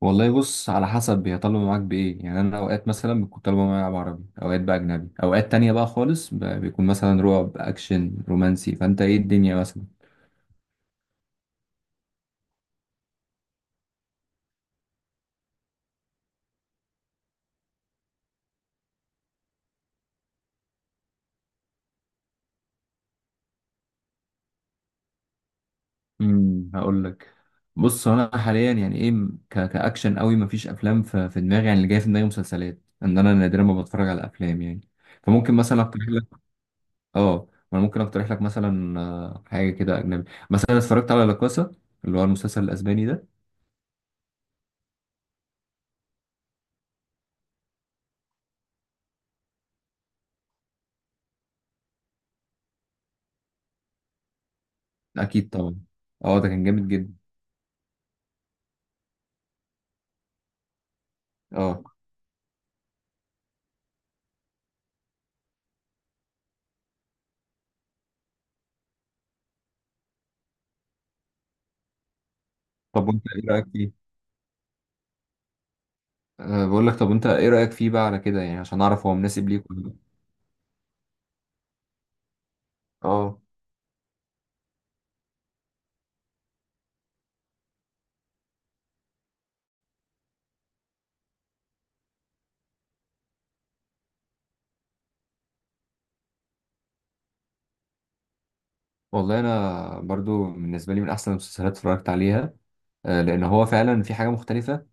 والله، بص على حسب هي طالبة معاك بإيه. يعني أنا أوقات مثلا بتكون طالبة معايا بعربي، أوقات بقى أجنبي، أوقات تانية بقى خالص بيكون مثلا رعب أكشن رومانسي. فأنت إيه الدنيا مثلا؟ هقول لك. بص، هو أنا حاليا يعني إيه كأكشن قوي مفيش أفلام في دماغي. يعني اللي جاي في دماغي مسلسلات، إن أنا نادرا ما بتفرج على أفلام يعني. فممكن مثلا أقترح لك. ما أنا ممكن أقترح لك مثلا، حاجة كده أجنبي. مثلا اتفرجت على لا كاسا، اللي هو المسلسل الأسباني ده. أكيد طبعا. أه، ده كان جامد جدا. أه طب وانت ايه رايك فيه؟ بقول لك، طب انت ايه رايك فيه بقى على كده؟ يعني عشان اعرف هو مناسب ليك ولا لا. اه والله انا برضو بالنسبه لي من احسن المسلسلات اتفرجت عليها. لان هو فعلا في حاجه مختلفه.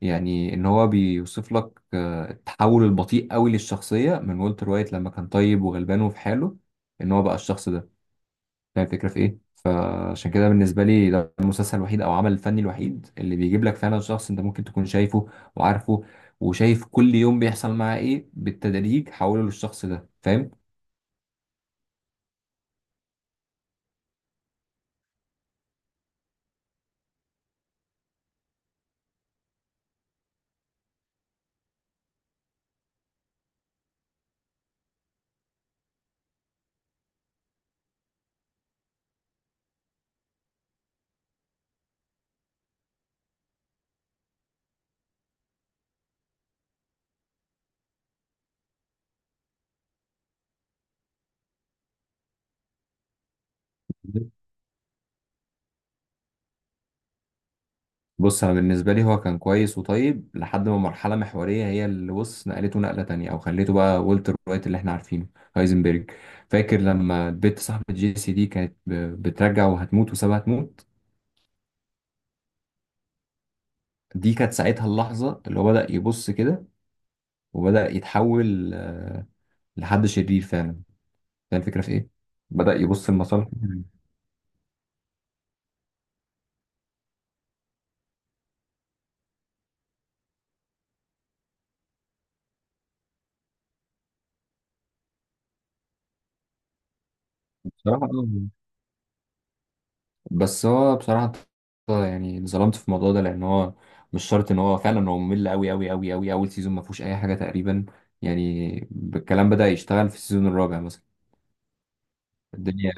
يعني ان هو بيوصف لك التحول البطيء قوي للشخصيه، من والتر وايت لما كان طيب وغلبان وفي حاله، ان هو بقى الشخص ده. فاهم الفكره في ايه؟ عشان كده بالنسبة لي ده المسلسل الوحيد أو العمل الفني الوحيد اللي بيجيب لك فعلا شخص أنت ممكن تكون شايفه وعارفه، وشايف كل يوم بيحصل معاه إيه، بالتدريج حوله للشخص ده. فاهم؟ بص، أنا بالنسبة لي هو كان كويس وطيب لحد ما مرحلة محورية هي اللي بص نقلته نقلة تانية أو خليته بقى والتر وايت اللي إحنا عارفينه، هايزنبرج. فاكر لما البت صاحبة جيسي دي كانت بترجع وهتموت وسابها تموت؟ دي كانت ساعتها اللحظة اللي هو بدأ يبص كده وبدأ يتحول لحد شرير فعلا. هي الفكرة في إيه؟ بدأ يبص لمصالحه. بصراحة بس هو بصراحة يعني اتظلمت في الموضوع ده، لأن هو مش شرط إن هو فعلا هو ممل أوي أوي أوي أوي. أول سيزون ما فيهوش أي حاجة تقريبا يعني. الكلام بدأ يشتغل في السيزون الرابع مثلا. الدنيا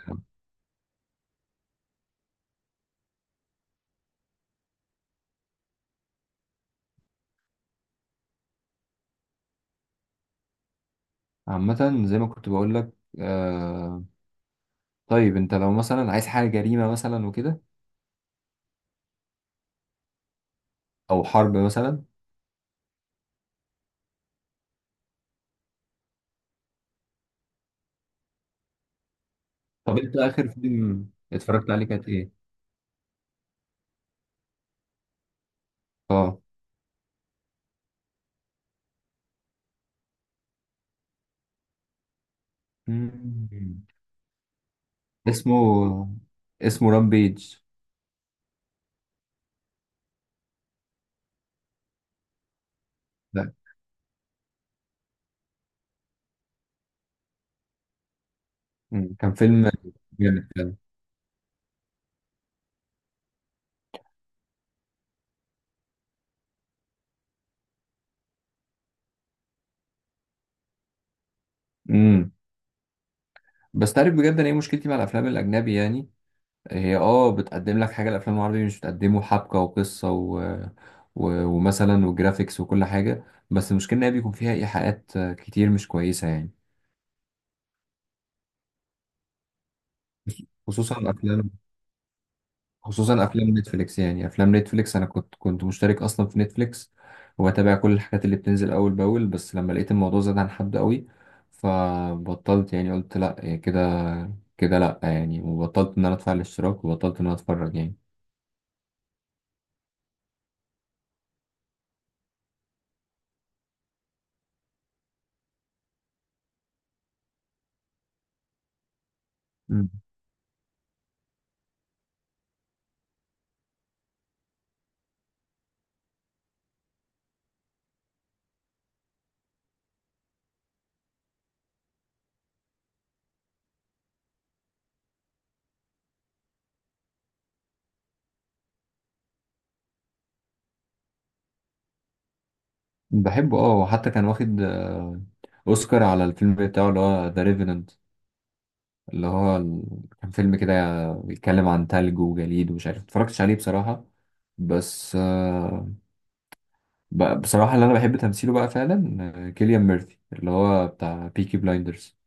عامة زي ما كنت بقول لك. آه طيب، أنت لو مثلا عايز حاجة جريمة مثلا وكده، أو حرب مثلا. طب أنت آخر فيلم اتفرجت عليه كانت إيه؟ آه. مم. اسمه اسمه رامبيج. مم. كان فيلم جامد فعلا. امم بس تعرف بجد انا ايه مشكلتي مع الافلام الاجنبي يعني؟ هي بتقدم لك حاجه الافلام العربيه مش بتقدمه، حبكه وقصه ومثلا وجرافيكس وكل حاجه. بس المشكله ان هي بيكون فيها ايحاءات كتير مش كويسه يعني. خصوصا الافلام، خصوصا افلام نتفليكس. يعني افلام نتفليكس انا كنت مشترك اصلا في نتفليكس وبتابع كل الحاجات اللي بتنزل اول باول. بس لما لقيت الموضوع زاد عن حد قوي فبطلت. يعني قلت لا، يعني كده كده لا يعني، وبطلت ان انا ادفع الاشتراك وبطلت ان انا اتفرج يعني. مم. بحبه اه، وحتى كان واخد اوسكار على الفيلم بتاعه اللي هو ذا ريفينانت، اللي هو كان فيلم كده بيتكلم عن تلج وجليد ومش عارف، متفرجتش عليه بصراحة. بس بصراحة اللي أنا بحب تمثيله بقى فعلا كيليان ميرفي اللي هو بتاع بيكي بلايندرز.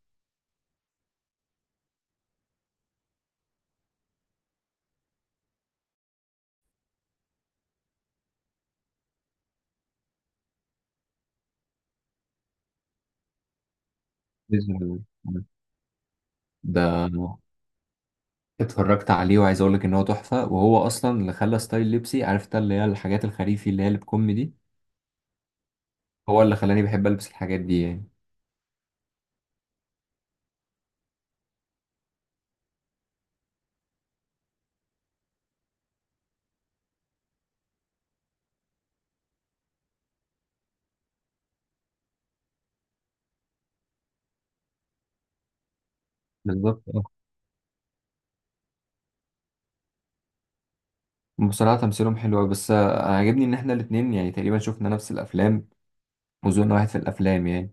ده اتفرجت عليه وعايز أقول لك إن هو تحفة، وهو أصلا اللي خلى ستايل لبسي. عارف انت اللي هي الحاجات الخريفي اللي هي اللي بكم دي؟ هو اللي خلاني بحب ألبس الحاجات دي يعني. بالظبط اه. بصراحة تمثيلهم حلو أوي، بس أنا عاجبني إن إحنا الاتنين يعني تقريبا شفنا نفس الأفلام، وذوقنا واحد في الأفلام يعني.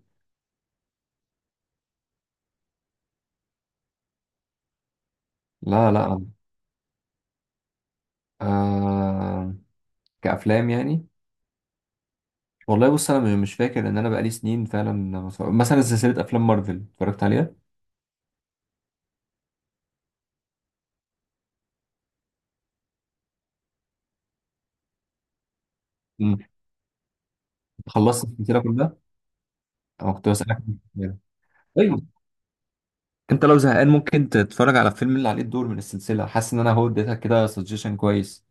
لا لا. آه. كأفلام يعني. والله بص انا مش فاكر، ان انا بقالي سنين فعلا ما اتفرج- مثلا سلسله افلام مارفل اتفرجت عليها. امم خلصت السلسله كلها. انا كنت بسالك. طيب، انت لو زهقان ممكن تتفرج على الفيلم اللي عليه الدور من السلسله. حاسس ان انا هو اديتك كده سجيشن كويس.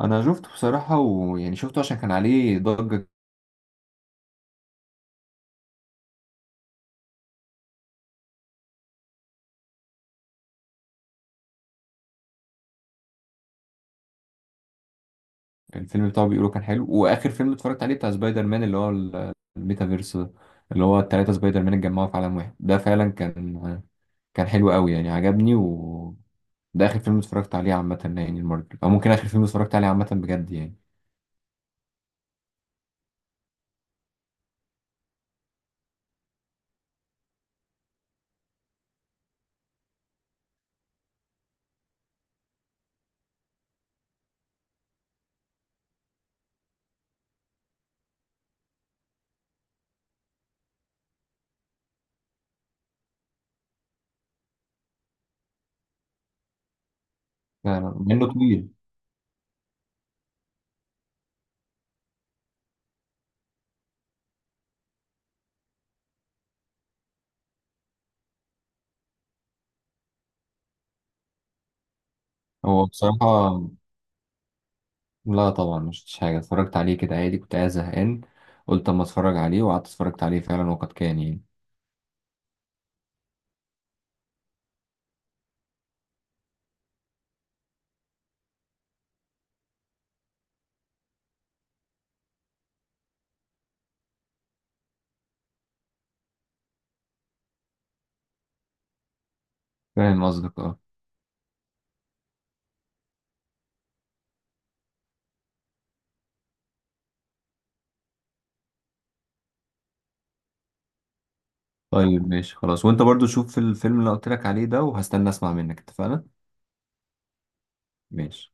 انا شفته بصراحه، ويعني شفته عشان كان عليه ضجه. كان الفيلم بتاعه بيقولوا كان حلو. واخر فيلم اتفرجت عليه بتاع سبايدر مان، اللي هو الميتافيرس ده، اللي هو التلاتة سبايدر مان اتجمعوا في عالم واحد ده، فعلا كان حلو قوي يعني. عجبني. و ده اخر فيلم اتفرجت عليه عامة يعني، المارفل، او ممكن اخر فيلم اتفرجت عليه عامة بجد يعني. فعلا مع انه طويل. هو بصراحة لا، طبعا مش شفتش حاجة، اتفرجت عليه كده عادي كنت قاعد زهقان. قلت اما اتفرج عليه وقعدت اتفرجت عليه فعلا، وقد كان يعني. فاهم قصدك اه. طيب ماشي خلاص، وانت برضو شوف الفيلم اللي قلت لك عليه ده، وهستنى اسمع منك. اتفقنا؟ ماشي.